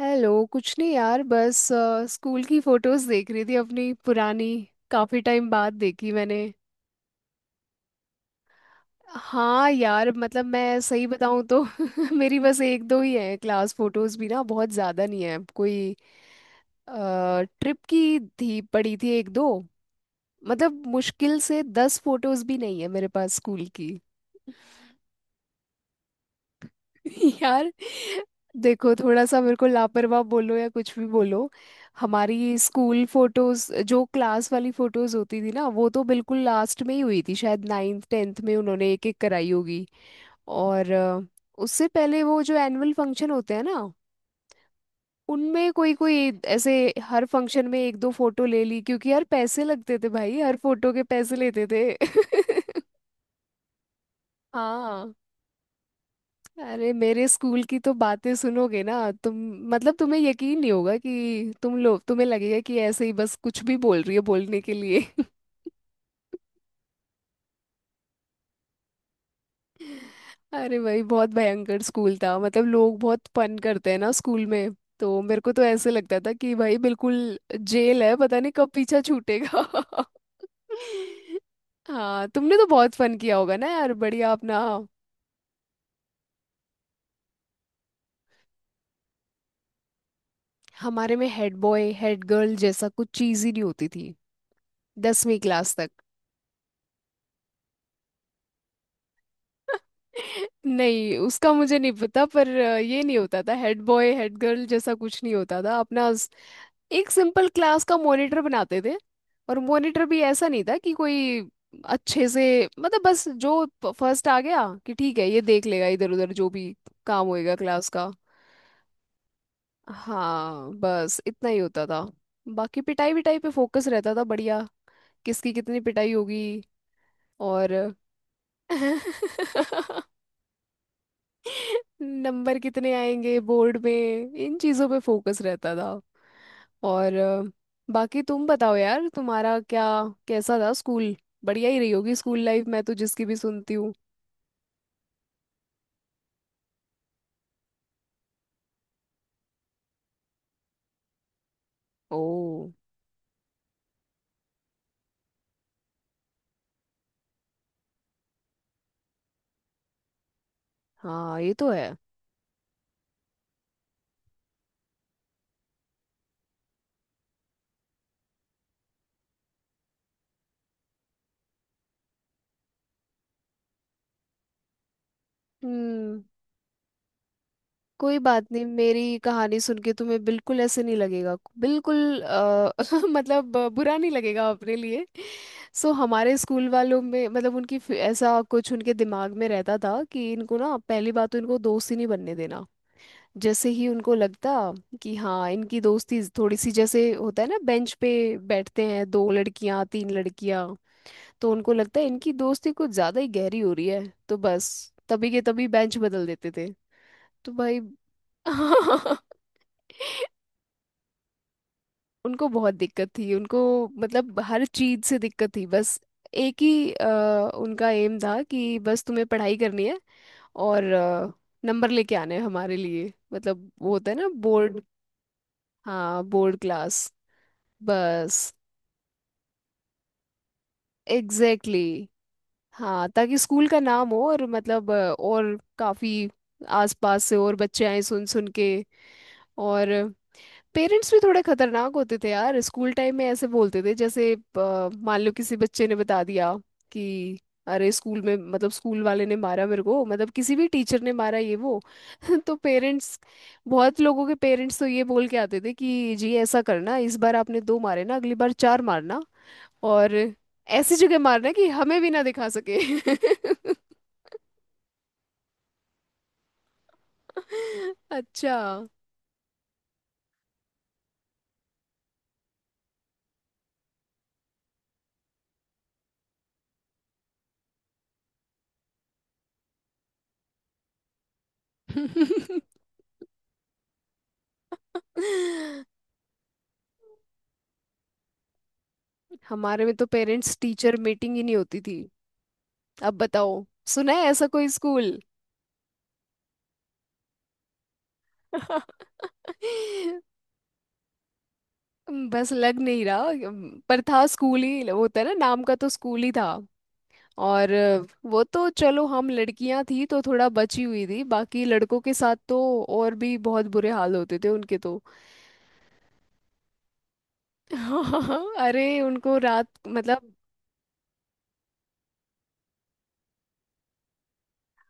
Hello, कुछ नहीं यार, बस स्कूल की फोटोज देख रही थी अपनी पुरानी। काफी टाइम बाद देखी मैंने। हाँ यार, मतलब मैं सही बताऊं तो मेरी बस एक दो ही है क्लास फोटोज भी ना, बहुत ज्यादा नहीं है। कोई ट्रिप की थी, पड़ी थी एक दो। मतलब मुश्किल से दस फोटोज भी नहीं है मेरे पास स्कूल की। यार देखो, थोड़ा सा मेरे को लापरवाह बोलो या कुछ भी बोलो। हमारी स्कूल फोटोज, जो क्लास वाली फोटोज होती थी ना, वो तो बिल्कुल लास्ट में ही हुई थी, शायद नाइन्थ टेंथ में उन्होंने एक एक कराई होगी। और उससे पहले वो जो एनुअल फंक्शन होते हैं ना, उनमें कोई कोई ऐसे हर फंक्शन में एक दो फोटो ले ली, क्योंकि यार पैसे लगते थे, भाई हर फोटो के पैसे लेते थे हाँ। अरे मेरे स्कूल की तो बातें सुनोगे ना तुम। मतलब तुम्हें यकीन नहीं होगा कि तुम लोग, तुम्हें लगेगा कि ऐसे ही बस कुछ भी बोल रही है बोलने के लिए। अरे भाई, बहुत भयंकर स्कूल था, मतलब लोग बहुत फन करते हैं ना स्कूल में, तो मेरे को तो ऐसे लगता था कि भाई बिल्कुल जेल है, पता नहीं कब पीछा छूटेगा। हाँ, तुमने तो बहुत फन किया होगा ना यार, बढ़िया अपना। हमारे में हेड बॉय हेड गर्ल जैसा कुछ चीज ही नहीं होती थी, दसवीं क्लास तक। नहीं, उसका मुझे नहीं पता, पर ये नहीं होता था, हेड बॉय हेड गर्ल जैसा कुछ नहीं होता था अपना, एक सिंपल क्लास का मॉनिटर बनाते थे। और मॉनिटर भी ऐसा नहीं था कि कोई अच्छे से, मतलब बस जो फर्स्ट आ गया कि ठीक है ये देख लेगा, इधर उधर जो भी काम होएगा क्लास का। हाँ, बस इतना ही होता था। बाकी पिटाई विटाई पे फोकस रहता था, बढ़िया। किसकी कितनी पिटाई होगी, और नंबर कितने आएंगे बोर्ड में, इन चीज़ों पे फोकस रहता था। और बाकी तुम बताओ यार, तुम्हारा क्या, कैसा था स्कूल। बढ़िया ही रही होगी स्कूल लाइफ, मैं तो जिसकी भी सुनती हूँ। ओ। हाँ, ये तो है। हम्म। कोई बात नहीं, मेरी कहानी सुन के तुम्हें बिल्कुल ऐसे नहीं लगेगा, बिल्कुल मतलब बुरा नहीं लगेगा अपने लिए। सो हमारे स्कूल वालों में, मतलब उनकी ऐसा कुछ उनके दिमाग में रहता था कि इनको ना पहली बात तो इनको दोस्त ही नहीं बनने देना। जैसे ही उनको लगता कि हाँ इनकी दोस्ती थोड़ी सी, जैसे होता है ना, बेंच पे बैठते हैं दो लड़कियां तीन लड़कियां, तो उनको लगता है इनकी दोस्ती कुछ ज्यादा ही गहरी हो रही है, तो बस तभी के तभी बेंच बदल देते थे। तो भाई उनको बहुत दिक्कत थी उनको, मतलब हर चीज से दिक्कत थी। बस एक ही उनका एम था कि बस तुम्हें पढ़ाई करनी है। और नंबर लेके आने हैं हमारे लिए, मतलब वो होता है ना, बोर्ड। हाँ, बोर्ड क्लास। बस। Exactly, exactly। हाँ, ताकि स्कूल का नाम हो, और मतलब और काफी आसपास से और बच्चे आए सुन सुन के। और पेरेंट्स भी थोड़े खतरनाक होते थे यार स्कूल टाइम में, ऐसे बोलते थे जैसे मान लो किसी बच्चे ने बता दिया कि अरे स्कूल में, मतलब स्कूल वाले ने मारा मेरे को, मतलब किसी भी टीचर ने मारा, ये वो। तो पेरेंट्स, बहुत लोगों के पेरेंट्स तो ये बोल के आते थे कि जी ऐसा करना, इस बार आपने दो मारे ना, अगली बार चार मारना। और ऐसी जगह मारना कि हमें भी ना दिखा सके। अच्छा। हमारे में तो पेरेंट्स टीचर मीटिंग ही नहीं होती थी। अब बताओ, सुना है ऐसा कोई स्कूल। बस, लग नहीं रहा, पर था, स्कूल ही होता है ना नाम का, तो स्कूल ही था। और वो तो चलो, हम लड़कियां थी तो थोड़ा बची हुई थी, बाकी लड़कों के साथ तो और भी बहुत बुरे हाल होते थे उनके तो। अरे उनको रात मतलब।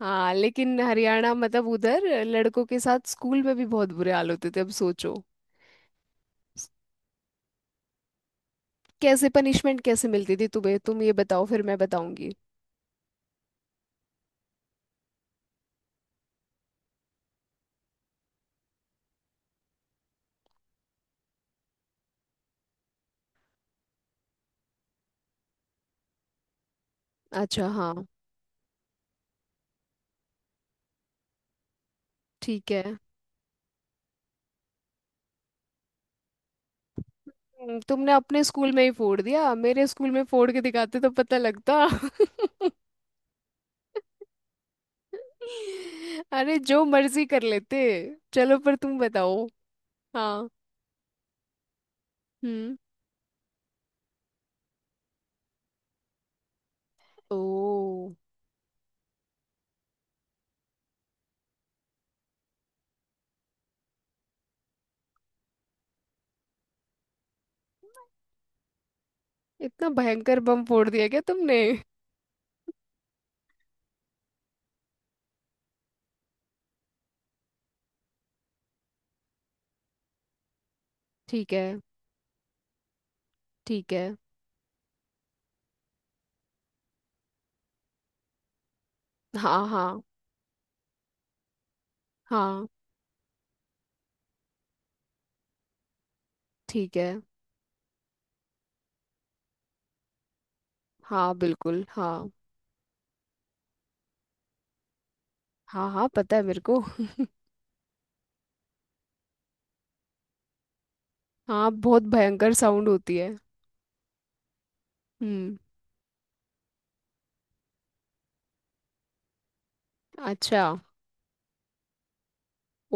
हाँ, लेकिन हरियाणा, मतलब उधर लड़कों के साथ स्कूल में भी बहुत बुरे हाल होते थे, अब सोचो। कैसे पनिशमेंट कैसे मिलती थी तुम्हें, तुम ये बताओ फिर मैं बताऊंगी। अच्छा हाँ। ठीक है। तुमने अपने स्कूल में ही फोड़ दिया, मेरे स्कूल में फोड़ के दिखाते तो पता लगता अरे जो मर्जी कर लेते। चलो, पर तुम बताओ। हाँ। हम्म। ओ, इतना भयंकर बम फोड़ दिया क्या तुमने। ठीक है। ठीक है। हाँ हाँ। हाँ। ठीक है। हाँ बिल्कुल हाँ। हाँ हाँ, पता है मेरे को। हाँ, बहुत भयंकर साउंड होती है। हम्म। अच्छा।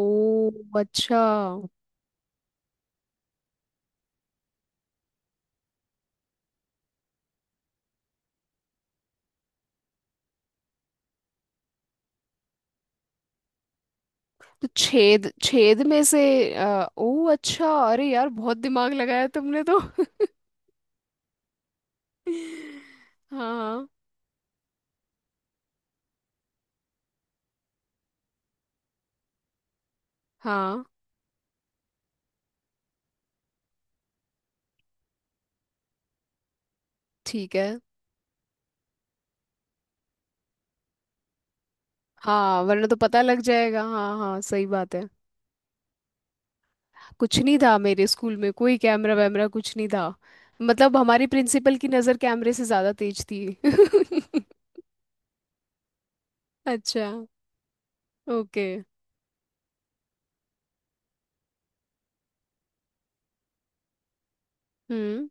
ओ अच्छा। तो छेद, छेद में से आ, ओ अच्छा, अरे यार बहुत दिमाग लगाया तुमने तो हाँ हाँ। ठीक है। हाँ, वरना तो पता लग जाएगा, हाँ हाँ, सही बात है। कुछ नहीं था मेरे स्कूल में, कोई कैमरा वैमरा कुछ नहीं था। मतलब हमारी प्रिंसिपल की नज़र कैमरे से ज़्यादा तेज थी अच्छा। ओके। हम्म।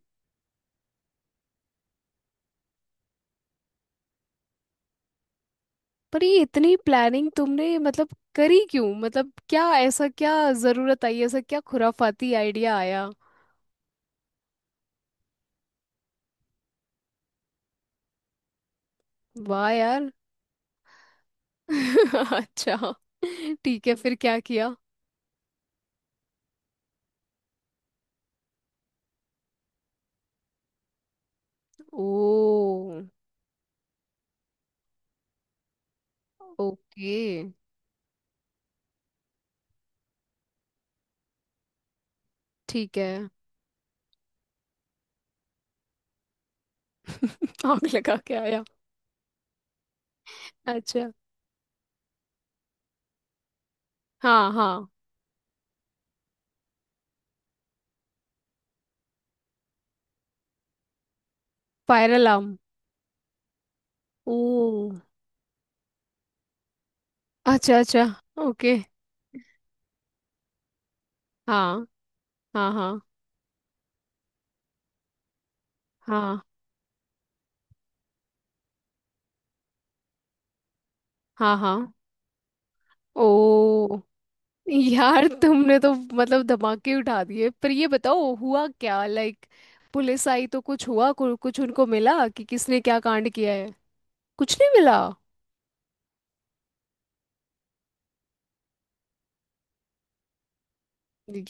पर ये इतनी प्लानिंग तुमने, मतलब करी क्यों, मतलब क्या ऐसा, क्या ज़रूरत आई, ऐसा क्या खुराफाती आइडिया आया। वाह यार। अच्छा। ठीक है, फिर क्या किया। ओ। ओके। ठीक है। आग लगा के आया। अच्छा। हाँ हाँ। Fire alarm. ओ। अच्छा अच्छा। ओके। हाँ हाँ हाँ हाँ हाँ हाँ। ओ। यार तुमने तो मतलब धमाके उठा दिए, पर ये बताओ हुआ क्या, लाइक पुलिस आई तो कुछ हुआ, कुछ उनको मिला कि किसने क्या कांड किया है। कुछ नहीं मिला।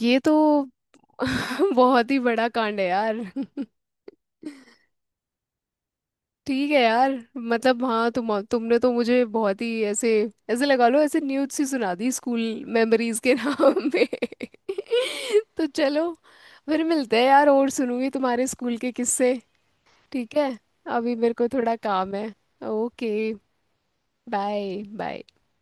ये तो बहुत ही बड़ा कांड है यार ठीक है यार। मतलब हाँ, तुमने तो मुझे बहुत ही ऐसे, ऐसे लगा लो, ऐसे न्यूज़ सी सुना दी स्कूल मेमोरीज के नाम पे तो चलो, फिर मिलते हैं यार, और सुनूंगी तुम्हारे स्कूल के किस्से। ठीक है। अभी मेरे को थोड़ा काम है। ओके। Bye bye.